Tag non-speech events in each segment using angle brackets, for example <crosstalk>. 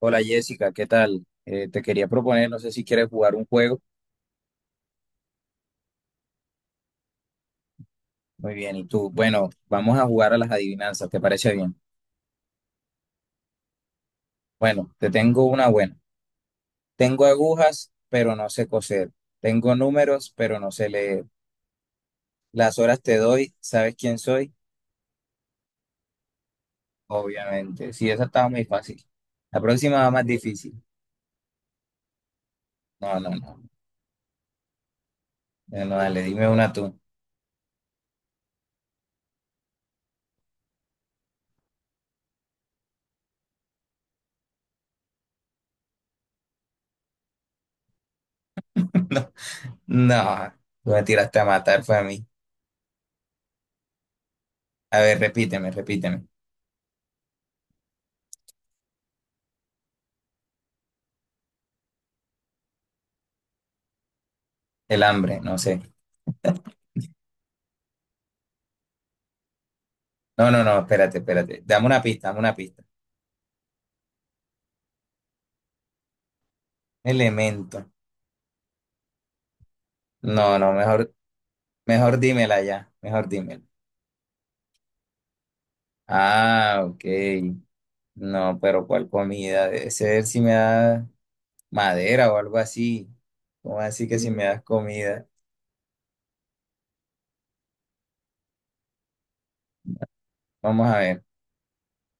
Hola Jessica, ¿qué tal? Te quería proponer, no sé si quieres jugar un juego. Muy bien, ¿y tú? Bueno, vamos a jugar a las adivinanzas, ¿te parece bien? Bueno, te tengo una buena. Tengo agujas, pero no sé coser. Tengo números, pero no sé leer. Las horas te doy, ¿sabes quién soy? Obviamente. Sí, esa estaba muy fácil. La próxima va más difícil. No, no, no. No, no, dale, dime una tú. <laughs> No, no, tú me tiraste a matar, fue a mí. A ver, repíteme. El hambre, no sé. No, no, no, espérate. Dame una pista. Elemento. No, mejor dímela ya, mejor dímela. Ah, ok. No, pero ¿cuál comida? Debe ser si me da madera o algo así. ¿Cómo así que si me das comida? Vamos a ver.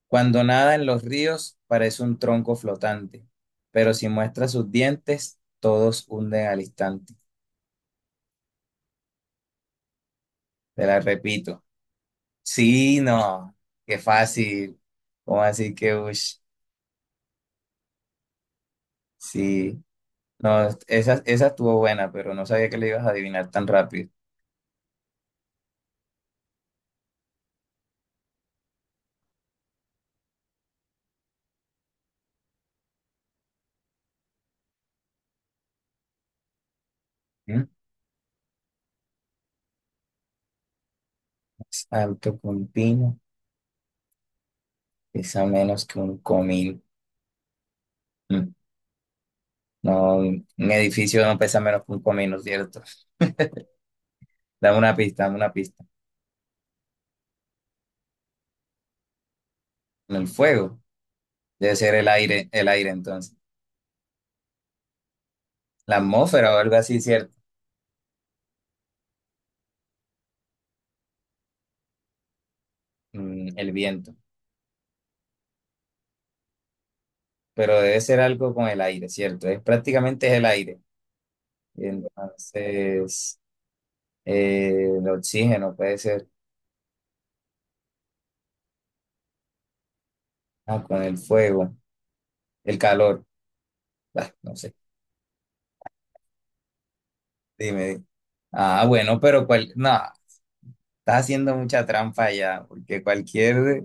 Cuando nada en los ríos parece un tronco flotante, pero si muestra sus dientes, todos hunden al instante. Te la repito. Sí, no, qué fácil. ¿Cómo así que, ush? Sí. No, esa estuvo buena, pero no sabía que le ibas a adivinar tan rápido. ¿Mm? Es alto que un pino, pesa menos que un comino. Mm. No, un edificio no pesa menos que un comino, ¿cierto? Dame una pista. El fuego, debe ser el aire entonces. La atmósfera o algo así, ¿cierto? Mm, el viento, pero debe ser algo con el aire, ¿cierto? Es prácticamente es el aire. Entonces, el oxígeno puede ser, ah, con el fuego, el calor, ah, no sé. Dime. Ah, bueno, pero cual, no, estás haciendo mucha trampa ya, porque cualquier,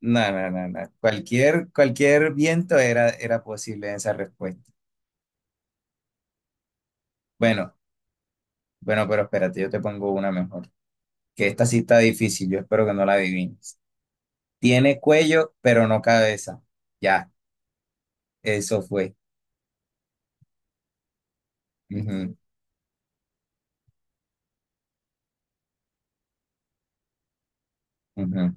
no, no, no, no, cualquier, cualquier viento era, era posible en esa respuesta. Bueno, bueno, pero espérate, yo te pongo una mejor, que esta sí está difícil, yo espero que no la adivines. Tiene cuello, pero no cabeza. Ya, eso fue. Ujú, ujú.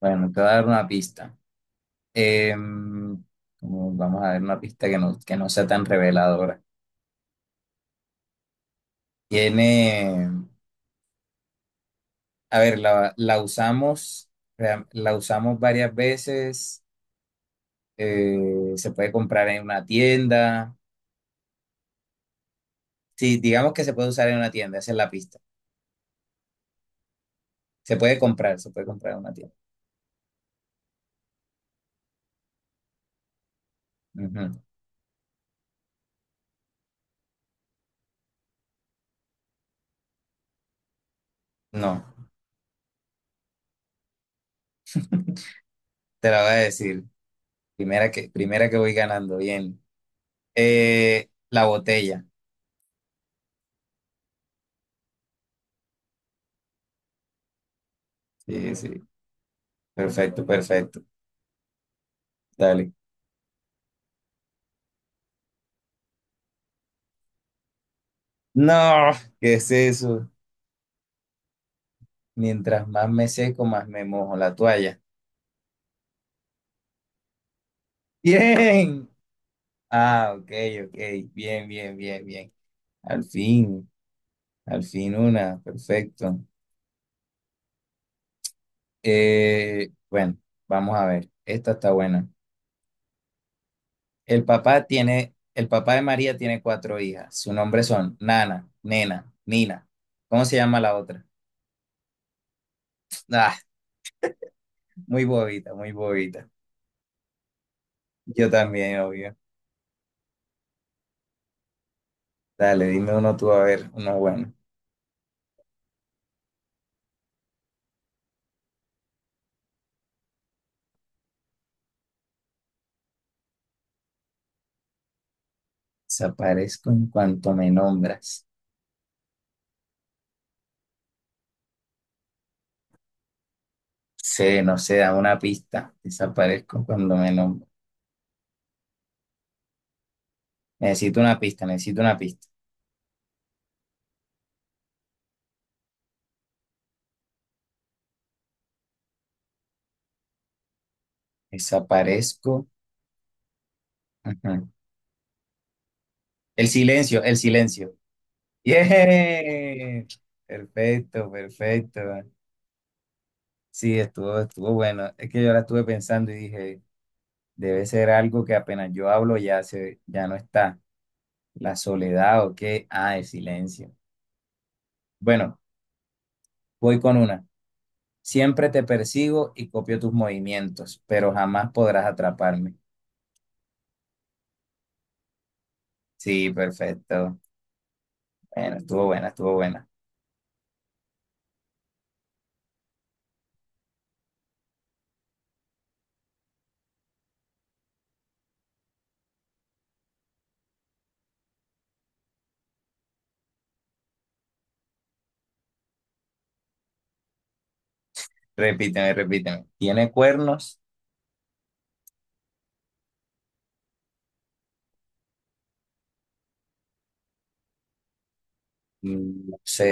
Bueno, te voy a dar una pista. Em, Como vamos a dar una pista que no sea tan reveladora. Tiene a ver, la usamos, la usamos varias veces, se puede comprar en una tienda. Sí, digamos que se puede usar en una tienda, esa es la pista. Se puede comprar en una tienda. Ujú. No, te la voy a decir. Primera que voy ganando, bien. La botella. Sí, sí, perfecto, perfecto. Dale. No, ¿qué es eso? Mientras más me seco, más me mojo la toalla. Bien. Ah, ok, ok. Bien, bien, bien, bien. Al fin, al fin una. Perfecto. Bueno, vamos a ver. Esta está buena. El papá de María tiene cuatro hijas. Sus nombres son Nana, Nena, Nina. ¿Cómo se llama la otra? Ah, muy bobita, muy bobita. Yo también, obvio. Dale, dime uno tú a ver, uno bueno. Desaparezco en cuanto me nombras. Sé, no sé, da una pista. Desaparezco cuando me nombras. Necesito una pista, necesito una pista. Desaparezco. Ajá. El silencio, el silencio. ¡Yeah! Perfecto, perfecto. Sí, estuvo, estuvo bueno. Es que yo la estuve pensando y dije, debe ser algo que apenas yo hablo ya se, ya no está. La soledad o qué. Ah, el silencio. Bueno, voy con una. Siempre te persigo y copio tus movimientos, pero jamás podrás atraparme. Sí, perfecto. Bueno, estuvo buena, estuvo buena. Repíteme, repíteme. ¿Tiene cuernos? Mm, no sé,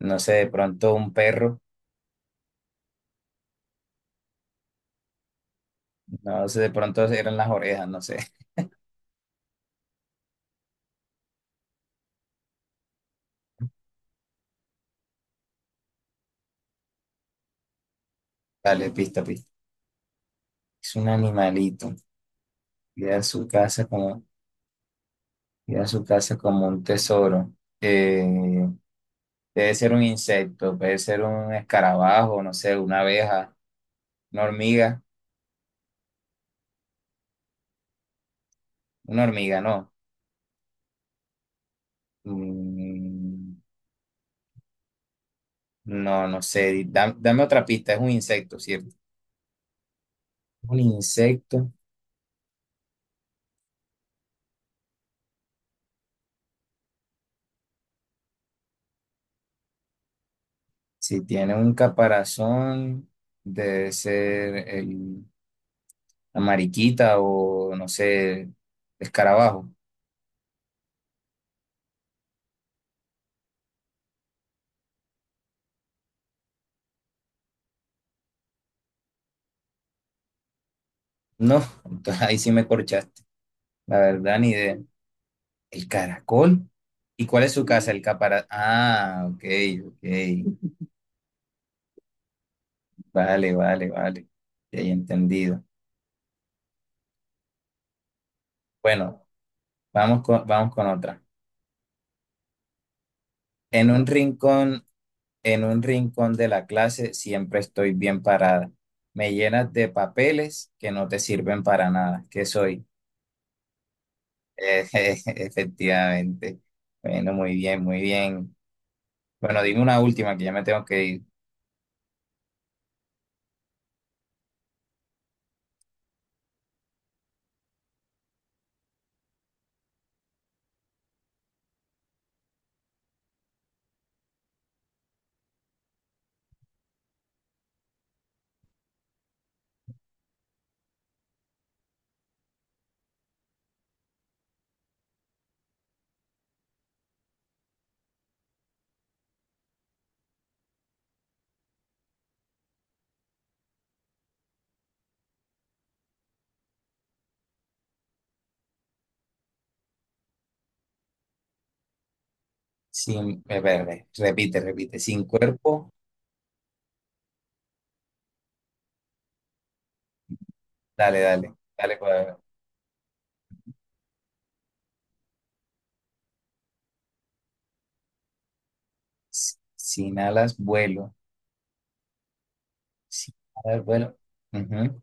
no sé, de pronto un perro. No sé, de pronto eran las orejas, no sé. <laughs> Dale, pista, pista. Es un animalito. Cuida su casa como, cuida su casa como un tesoro. Eh, Debe ser un insecto, puede ser un escarabajo, no sé, una abeja, una hormiga. Una hormiga, no. Mm, no, no sé. Dame otra pista, es un insecto, ¿cierto? Un insecto. Si tiene un caparazón, debe ser el, la mariquita o, no sé, escarabajo. No, <laughs> entonces ahí sí me corchaste. La verdad, ni idea. ¿El caracol? ¿Y cuál es su casa? El caparazón. Ah, ok, ok. Vale, vale, vale. Ya he entendido. Bueno, vamos con otra. En un rincón En un rincón de la clase siempre estoy bien parada. Me llenas de papeles que no te sirven para nada. ¿Qué soy? <laughs> Efectivamente. Bueno, muy bien, muy bien. Bueno, dime una última que ya me tengo que ir. Sin, espérate, repite, repite. Sin cuerpo, dale, dale, dale. Pues. Sin alas vuelo. Sin alas vuelo. Ujú.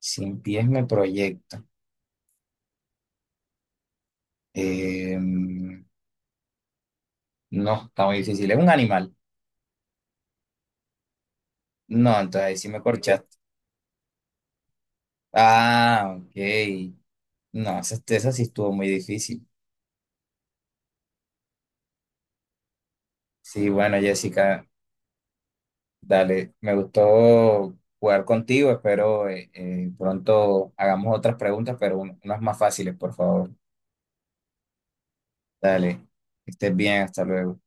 Sin pies me proyecto. Em, no, está muy difícil. Es un animal. No, entonces ahí sí me corchaste. Ah, ok. No, esa sí estuvo muy difícil. Sí, bueno, Jessica, dale, me gustó jugar contigo. Espero pronto hagamos otras preguntas, pero unas más fáciles, por favor. Dale, que estés bien, hasta luego.